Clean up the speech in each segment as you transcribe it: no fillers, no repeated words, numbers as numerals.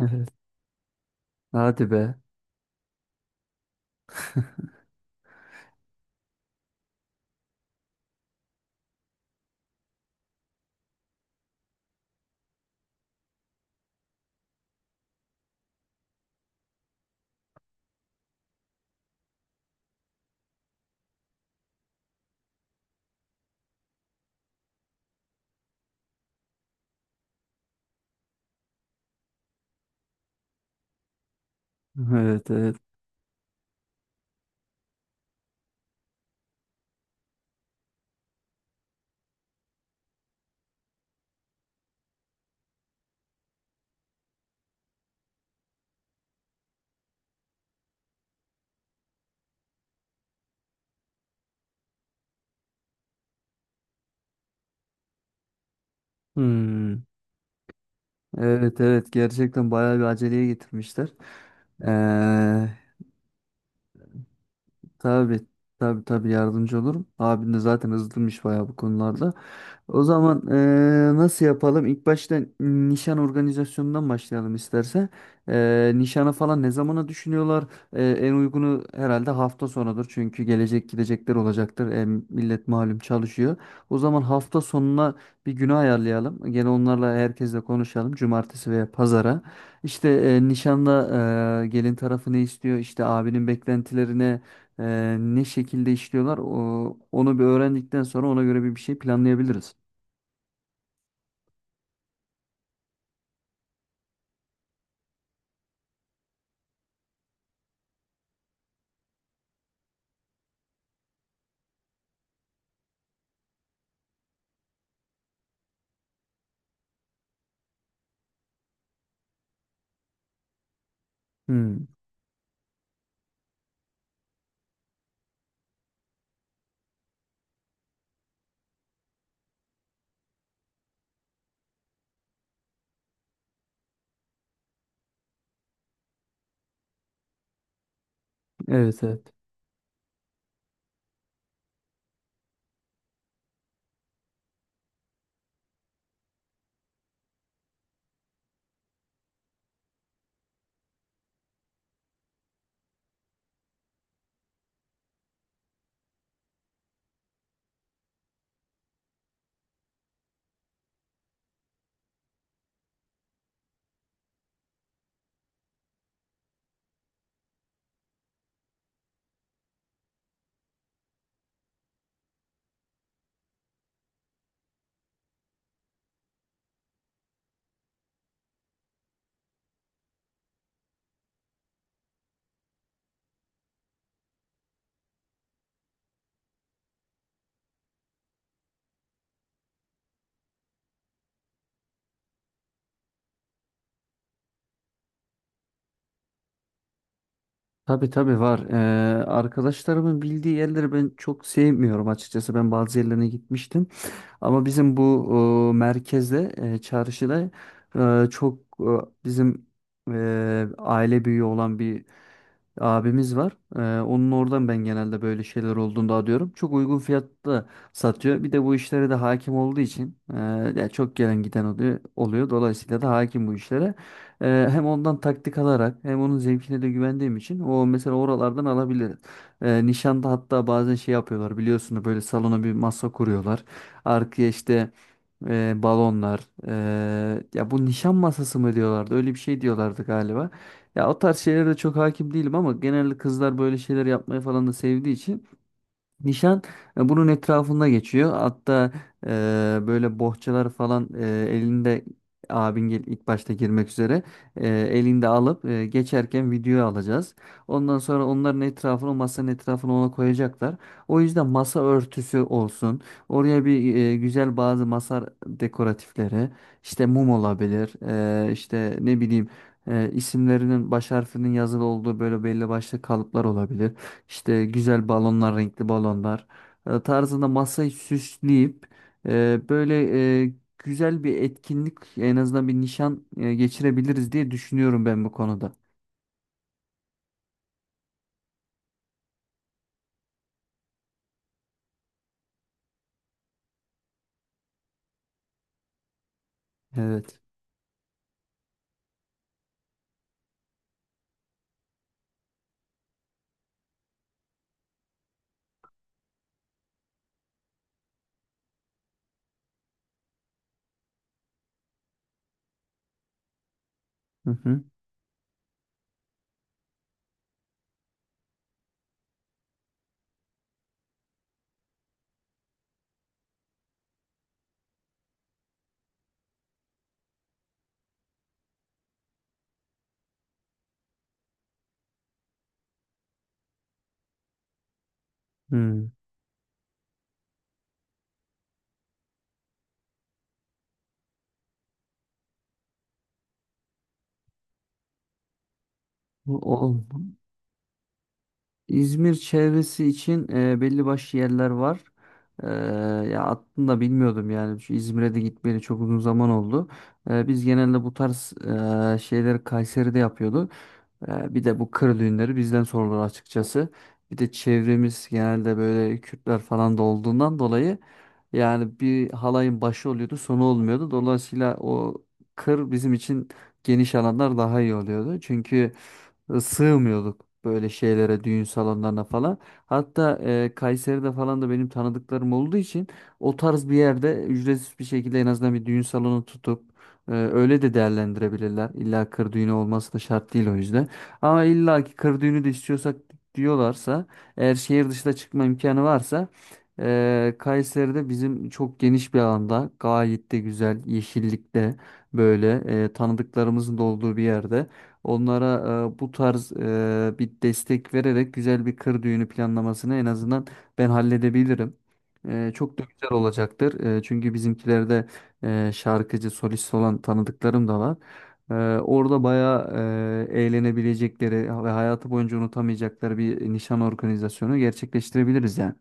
Evet. Hadi be. Evet, evet. Hmm. Evet, evet, gerçekten bayağı bir aceleye getirmişler. Ee, tabii, tabii yardımcı olurum. Abin de zaten hızlıymış bayağı bu konularda. O zaman nasıl yapalım? İlk başta nişan organizasyonundan başlayalım istersen. Nişana falan ne zamana düşünüyorlar? En uygunu herhalde hafta sonudur. Çünkü gelecek gidecekler olacaktır. Millet malum çalışıyor. O zaman hafta sonuna bir günü ayarlayalım. Gene onlarla herkesle konuşalım. Cumartesi veya pazara. İşte nişanda, gelin tarafı ne istiyor? İşte abinin beklentilerine ne şekilde işliyorlar? Onu bir öğrendikten sonra ona göre bir şey planlayabiliriz. Hmm, evet, evet. Tabii tabii var. Arkadaşlarımın bildiği yerleri ben çok sevmiyorum açıkçası. Ben bazı yerlerine gitmiştim. Ama bizim bu merkezde, çarşıda e, çok e, bizim e, aile büyüğü olan bir abimiz var. Onun oradan ben genelde böyle şeyler olduğunu da alıyorum. Çok uygun fiyatta satıyor. Bir de bu işlere de hakim olduğu için ya çok gelen giden oluyor. Dolayısıyla da hakim bu işlere. Hem ondan taktik alarak hem onun zevkine de güvendiğim için o mesela oralardan alabiliriz. Nişanda hatta bazen şey yapıyorlar biliyorsunuz, böyle salona bir masa kuruyorlar. Arkaya işte balonlar, ya bu nişan masası mı diyorlardı, öyle bir şey diyorlardı galiba. Ya o tarz şeylere de çok hakim değilim ama genelde kızlar böyle şeyler yapmayı falan da sevdiği için nişan bunun etrafında geçiyor. Hatta e, böyle bohçalar falan elinde, ilk başta girmek üzere elinde alıp geçerken video alacağız. Ondan sonra onların etrafını, masanın etrafını ona koyacaklar. O yüzden masa örtüsü olsun. Oraya bir güzel bazı masa dekoratifleri, işte mum olabilir. İşte ne bileyim, isimlerinin baş harfinin yazılı olduğu böyle belli başlı kalıplar olabilir. İşte güzel balonlar, renkli balonlar tarzında masayı süsleyip e, böyle güzel bir etkinlik, en azından bir nişan geçirebiliriz diye düşünüyorum ben bu konuda. Evet. Hı hı. Hmm. Bu ol- İzmir çevresi için belli başlı yerler var. E, Ya aslında bilmiyordum, yani şu İzmir'e de gitmeyeli çok uzun zaman oldu. Biz genelde bu tarz şeyleri Kayseri'de yapıyorduk. Bir de bu kır düğünleri bizden sorulur açıkçası. Bir de çevremiz genelde böyle Kürtler falan da olduğundan dolayı yani bir halayın başı oluyordu, sonu olmuyordu. Dolayısıyla o kır bizim için, geniş alanlar daha iyi oluyordu. Çünkü sığmıyorduk böyle şeylere, düğün salonlarına falan. Hatta Kayseri'de falan da benim tanıdıklarım olduğu için o tarz bir yerde ücretsiz bir şekilde en azından bir düğün salonu tutup öyle de değerlendirebilirler. İlla kır düğünü olması da şart değil o yüzden. Ama illa ki kır düğünü de istiyorsak, diyorlarsa, eğer şehir dışına çıkma imkanı varsa, Kayseri'de bizim çok geniş bir alanda, gayet de güzel yeşillikte, böyle tanıdıklarımızın da olduğu bir yerde onlara bu tarz bir destek vererek güzel bir kır düğünü planlamasını en azından ben halledebilirim. Çok da güzel olacaktır. Çünkü bizimkilerde şarkıcı solist olan tanıdıklarım da var. Ee, Orada bayağı eğlenebilecekleri ve hayatı boyunca unutamayacakları bir nişan organizasyonu gerçekleştirebiliriz yani.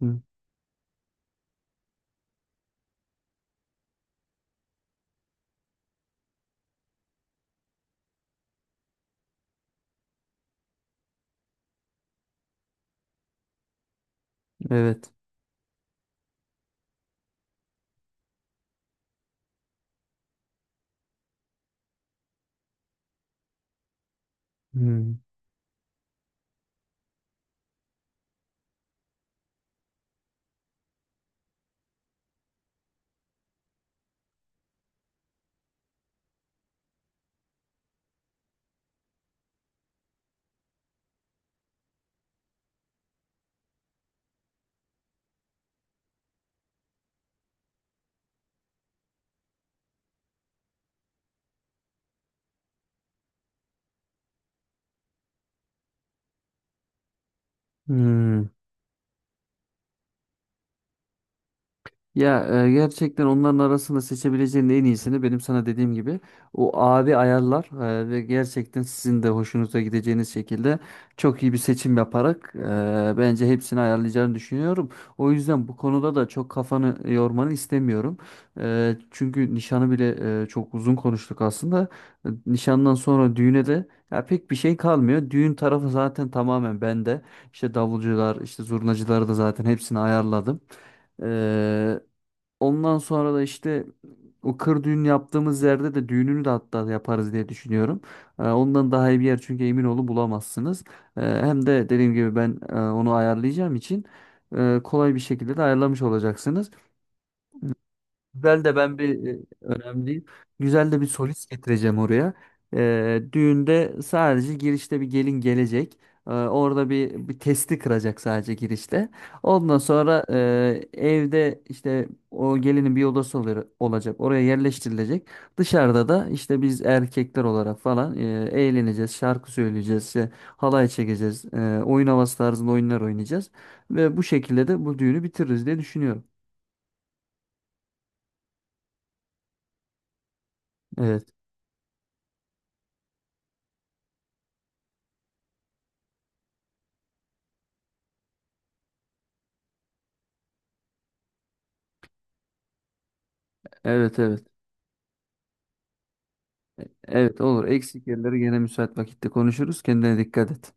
Hı, evet. Hı, hı. Ya gerçekten onların arasında seçebileceğin en iyisini, benim sana dediğim gibi o abi ayarlar ve gerçekten sizin de hoşunuza gideceğiniz şekilde çok iyi bir seçim yaparak bence hepsini ayarlayacağını düşünüyorum. O yüzden bu konuda da çok kafanı yormanı istemiyorum. Çünkü nişanı bile çok uzun konuştuk aslında. Nişandan sonra düğüne de ya pek bir şey kalmıyor. Düğün tarafı zaten tamamen bende. İşte davulcular, işte zurnacıları da zaten hepsini ayarladım. E, Ondan sonra da işte o kır düğün yaptığımız yerde de düğününü de hatta yaparız diye düşünüyorum. Ondan daha iyi bir yer çünkü, emin olun, bulamazsınız. Hem de dediğim gibi ben onu ayarlayacağım için kolay bir şekilde de ayarlamış olacaksınız. Güzel de ben bir önemli değil. Güzel de bir solist getireceğim oraya. Düğünde sadece girişte bir gelin gelecek. Orada bir testi kıracak sadece girişte. Ondan sonra evde işte o gelinin bir odası olacak. Oraya yerleştirilecek. Dışarıda da işte biz erkekler olarak falan eğleneceğiz. Şarkı söyleyeceğiz. İşte halay çekeceğiz. Oyun havası tarzında oyunlar oynayacağız. Ve bu şekilde de bu düğünü bitiririz diye düşünüyorum. Evet. Evet, evet. Evet, olur. Eksik yerleri gene müsait vakitte konuşuruz. Kendine dikkat et.